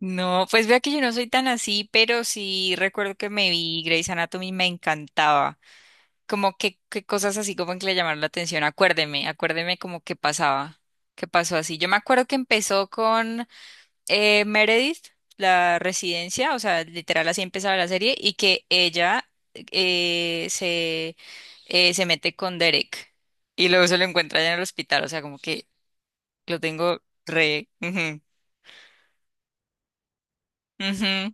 No, pues vea que yo no soy tan así, pero sí recuerdo que me vi Grey's Anatomy, me encantaba. Como que, cosas así como que le llamaron la atención. Acuérdeme, acuérdeme como que pasaba, que pasó así. Yo me acuerdo que empezó con Meredith, la residencia, o sea, literal así empezaba la serie, y que ella eh, se, se mete con Derek y luego se lo encuentra allá en el hospital, o sea, como que lo tengo re... ujú, ujú.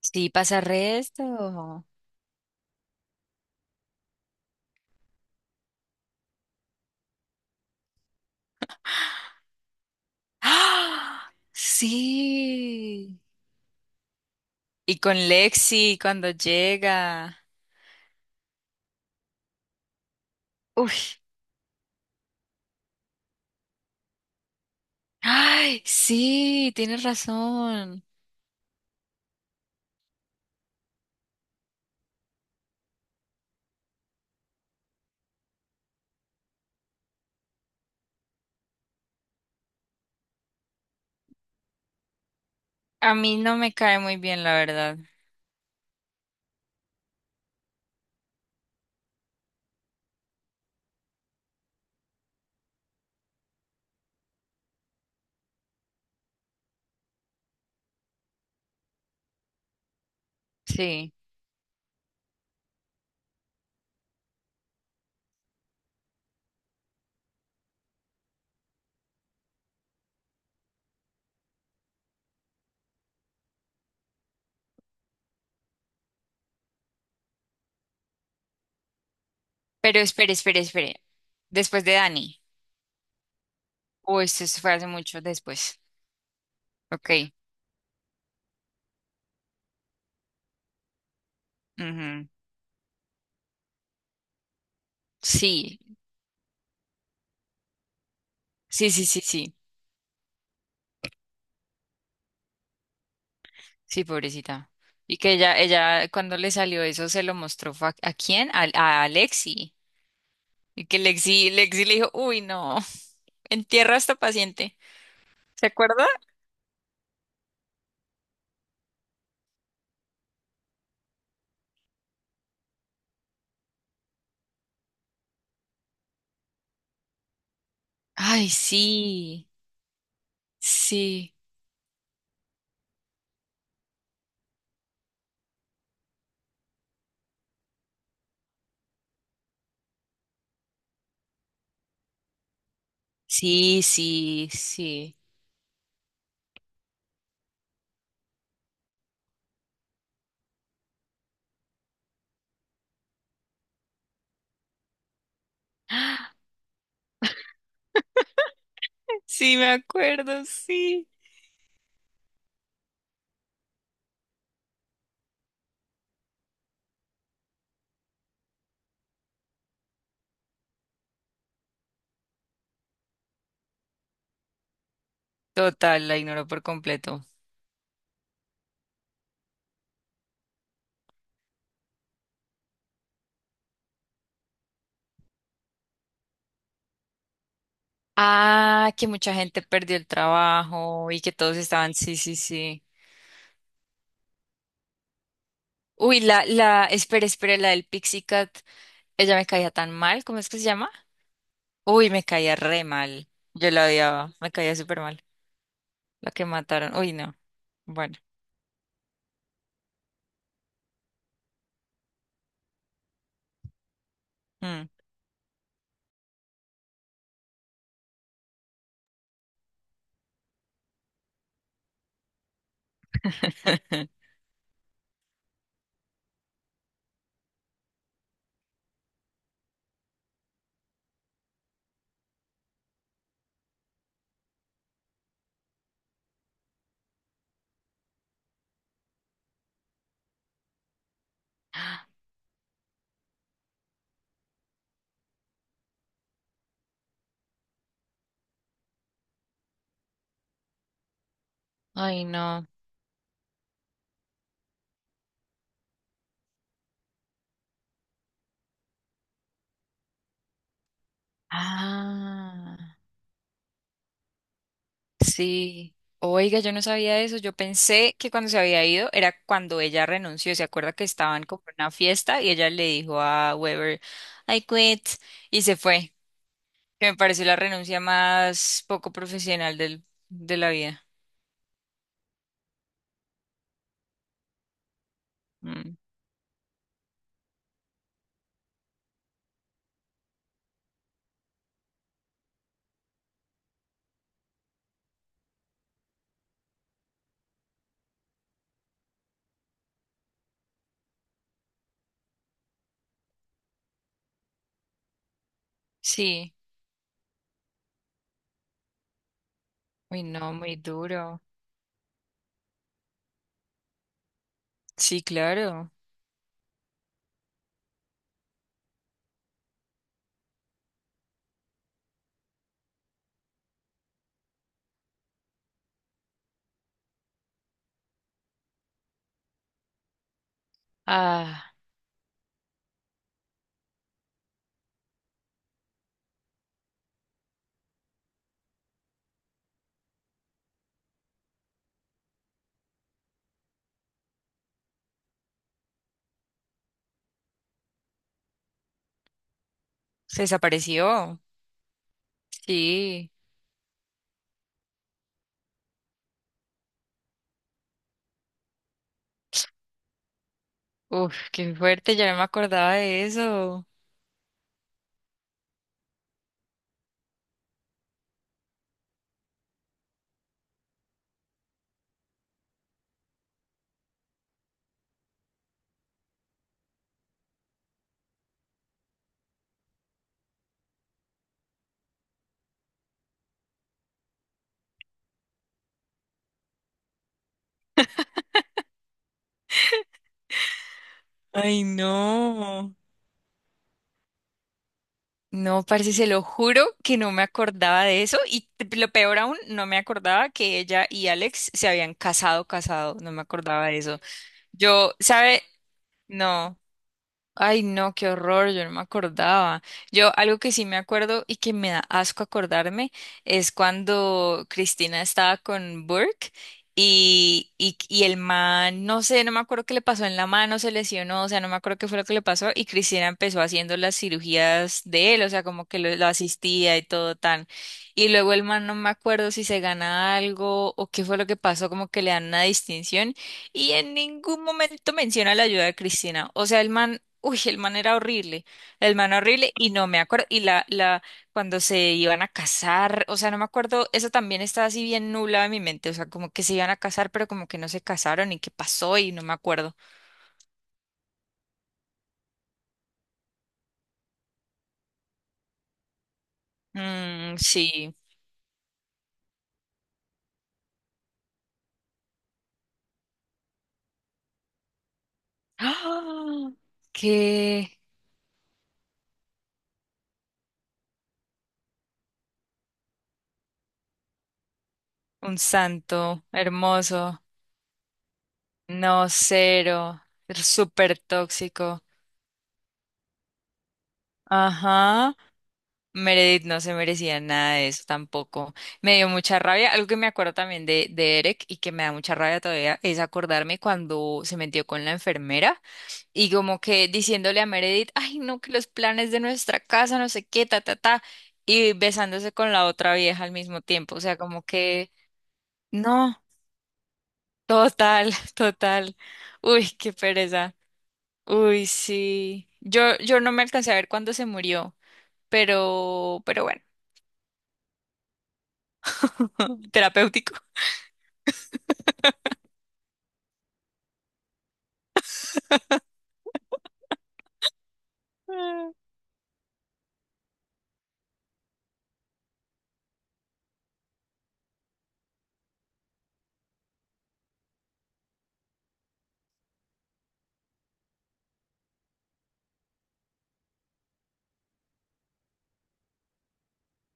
Sí, pasa resto. ¡Ah! Sí. Y con Lexi cuando llega. Uy. Ay, sí, tienes razón. A mí no me cae muy bien, la verdad. Sí. Pero espere, espere, espere. Después de Dani. O esto se fue hace mucho después. Ok. Ujú. Sí. Sí, sí, sí, sí. Sí, pobrecita. Y que ella, cuando le salió eso, se lo mostró fue ¿a quién? A Lexi. Y que Lexi, Lexi le dijo, uy, no. Entierra a esta paciente. ¿Se acuerda? Ay, sí, sí, sí, sí, sí. Sí, me acuerdo, sí. Total, la ignoró por completo. Ah, que mucha gente perdió el trabajo y que todos estaban, sí, sí, sí. Uy, espera, espera, la del Pixie Cat, ella me caía tan mal, ¿cómo es que se llama? Uy, me caía re mal. Yo la odiaba, me caía súper mal. La que mataron, uy, no. Bueno. Mm. Ay, no. Ah, sí. Oiga, yo no sabía eso. Yo pensé que cuando se había ido era cuando ella renunció. ¿Se acuerda que estaban como en una fiesta y ella le dijo a Weber, I quit, y se fue? Que me pareció la renuncia más poco profesional del, de la vida. Mm. Sí. Uy, no, muy duro. Sí, claro. Ah, se desapareció. Sí. Uf, qué fuerte, ya no me acordaba de eso. Ay, no. No, parce, se lo juro que no me acordaba de eso y lo peor aún, no me acordaba que ella y Alex se habían casado, casado, no me acordaba de eso. Yo, ¿sabe? No. Ay, no, qué horror, yo no me acordaba. Yo algo que sí me acuerdo y que me da asco acordarme es cuando Cristina estaba con Burke y, y el man, no sé, no me acuerdo qué le pasó en la mano, se lesionó, o sea, no me acuerdo qué fue lo que le pasó y Cristina empezó haciendo las cirugías de él, o sea, como que lo asistía y todo tan. Y luego el man, no me acuerdo si se gana algo o qué fue lo que pasó, como que le dan una distinción. Y en ningún momento menciona la ayuda de Cristina. O sea, el man, uy, el man era horrible, el man horrible, y no me acuerdo, y cuando se iban a casar, o sea, no me acuerdo, eso también estaba así bien nublado en mi mente, o sea, como que se iban a casar, pero como que no se casaron, y qué pasó, y no me acuerdo. Mm, sí. ¡Ah! ¡Qué! Un santo, hermoso, no, cero, súper tóxico. Ajá. Meredith no se merecía nada de eso tampoco. Me dio mucha rabia. Algo que me acuerdo también de Eric y que me da mucha rabia todavía es acordarme cuando se metió con la enfermera y como que diciéndole a Meredith, ay, no, que los planes de nuestra casa, no sé qué, ta, ta, ta, y besándose con la otra vieja al mismo tiempo. O sea, como que, no, total, total. Uy, qué pereza. Uy, sí. Yo no me alcancé a ver cuándo se murió, pero bueno, terapéutico. Mm.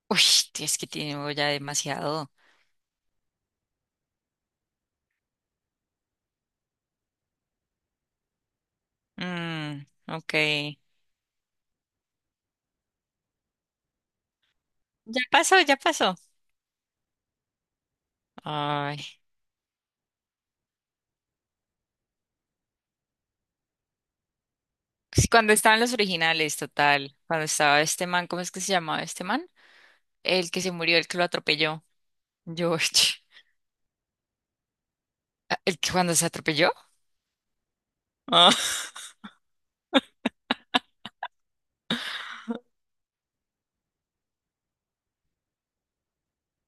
Uy, tí- es que tiene ya demasiado. Mm, ok. Ya pasó, ya pasó. Ay. Sí, cuando estaban los originales, total. Cuando estaba este man, ¿cómo es que se llamaba este man? El que se murió, el que lo atropelló. George. Ah, ¿el que cuando se atropelló? Ah.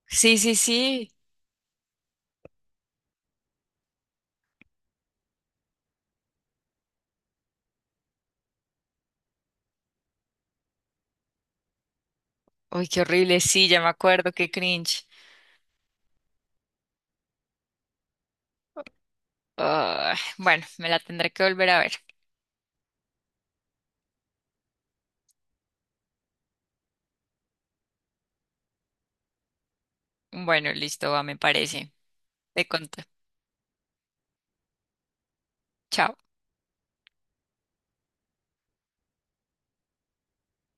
Sí, sí, sí. Uy, qué horrible. Sí, ya me acuerdo, qué cringe. Ah, bueno, me la tendré que volver a ver. Bueno, listo, va, me parece. Te conté. Chao.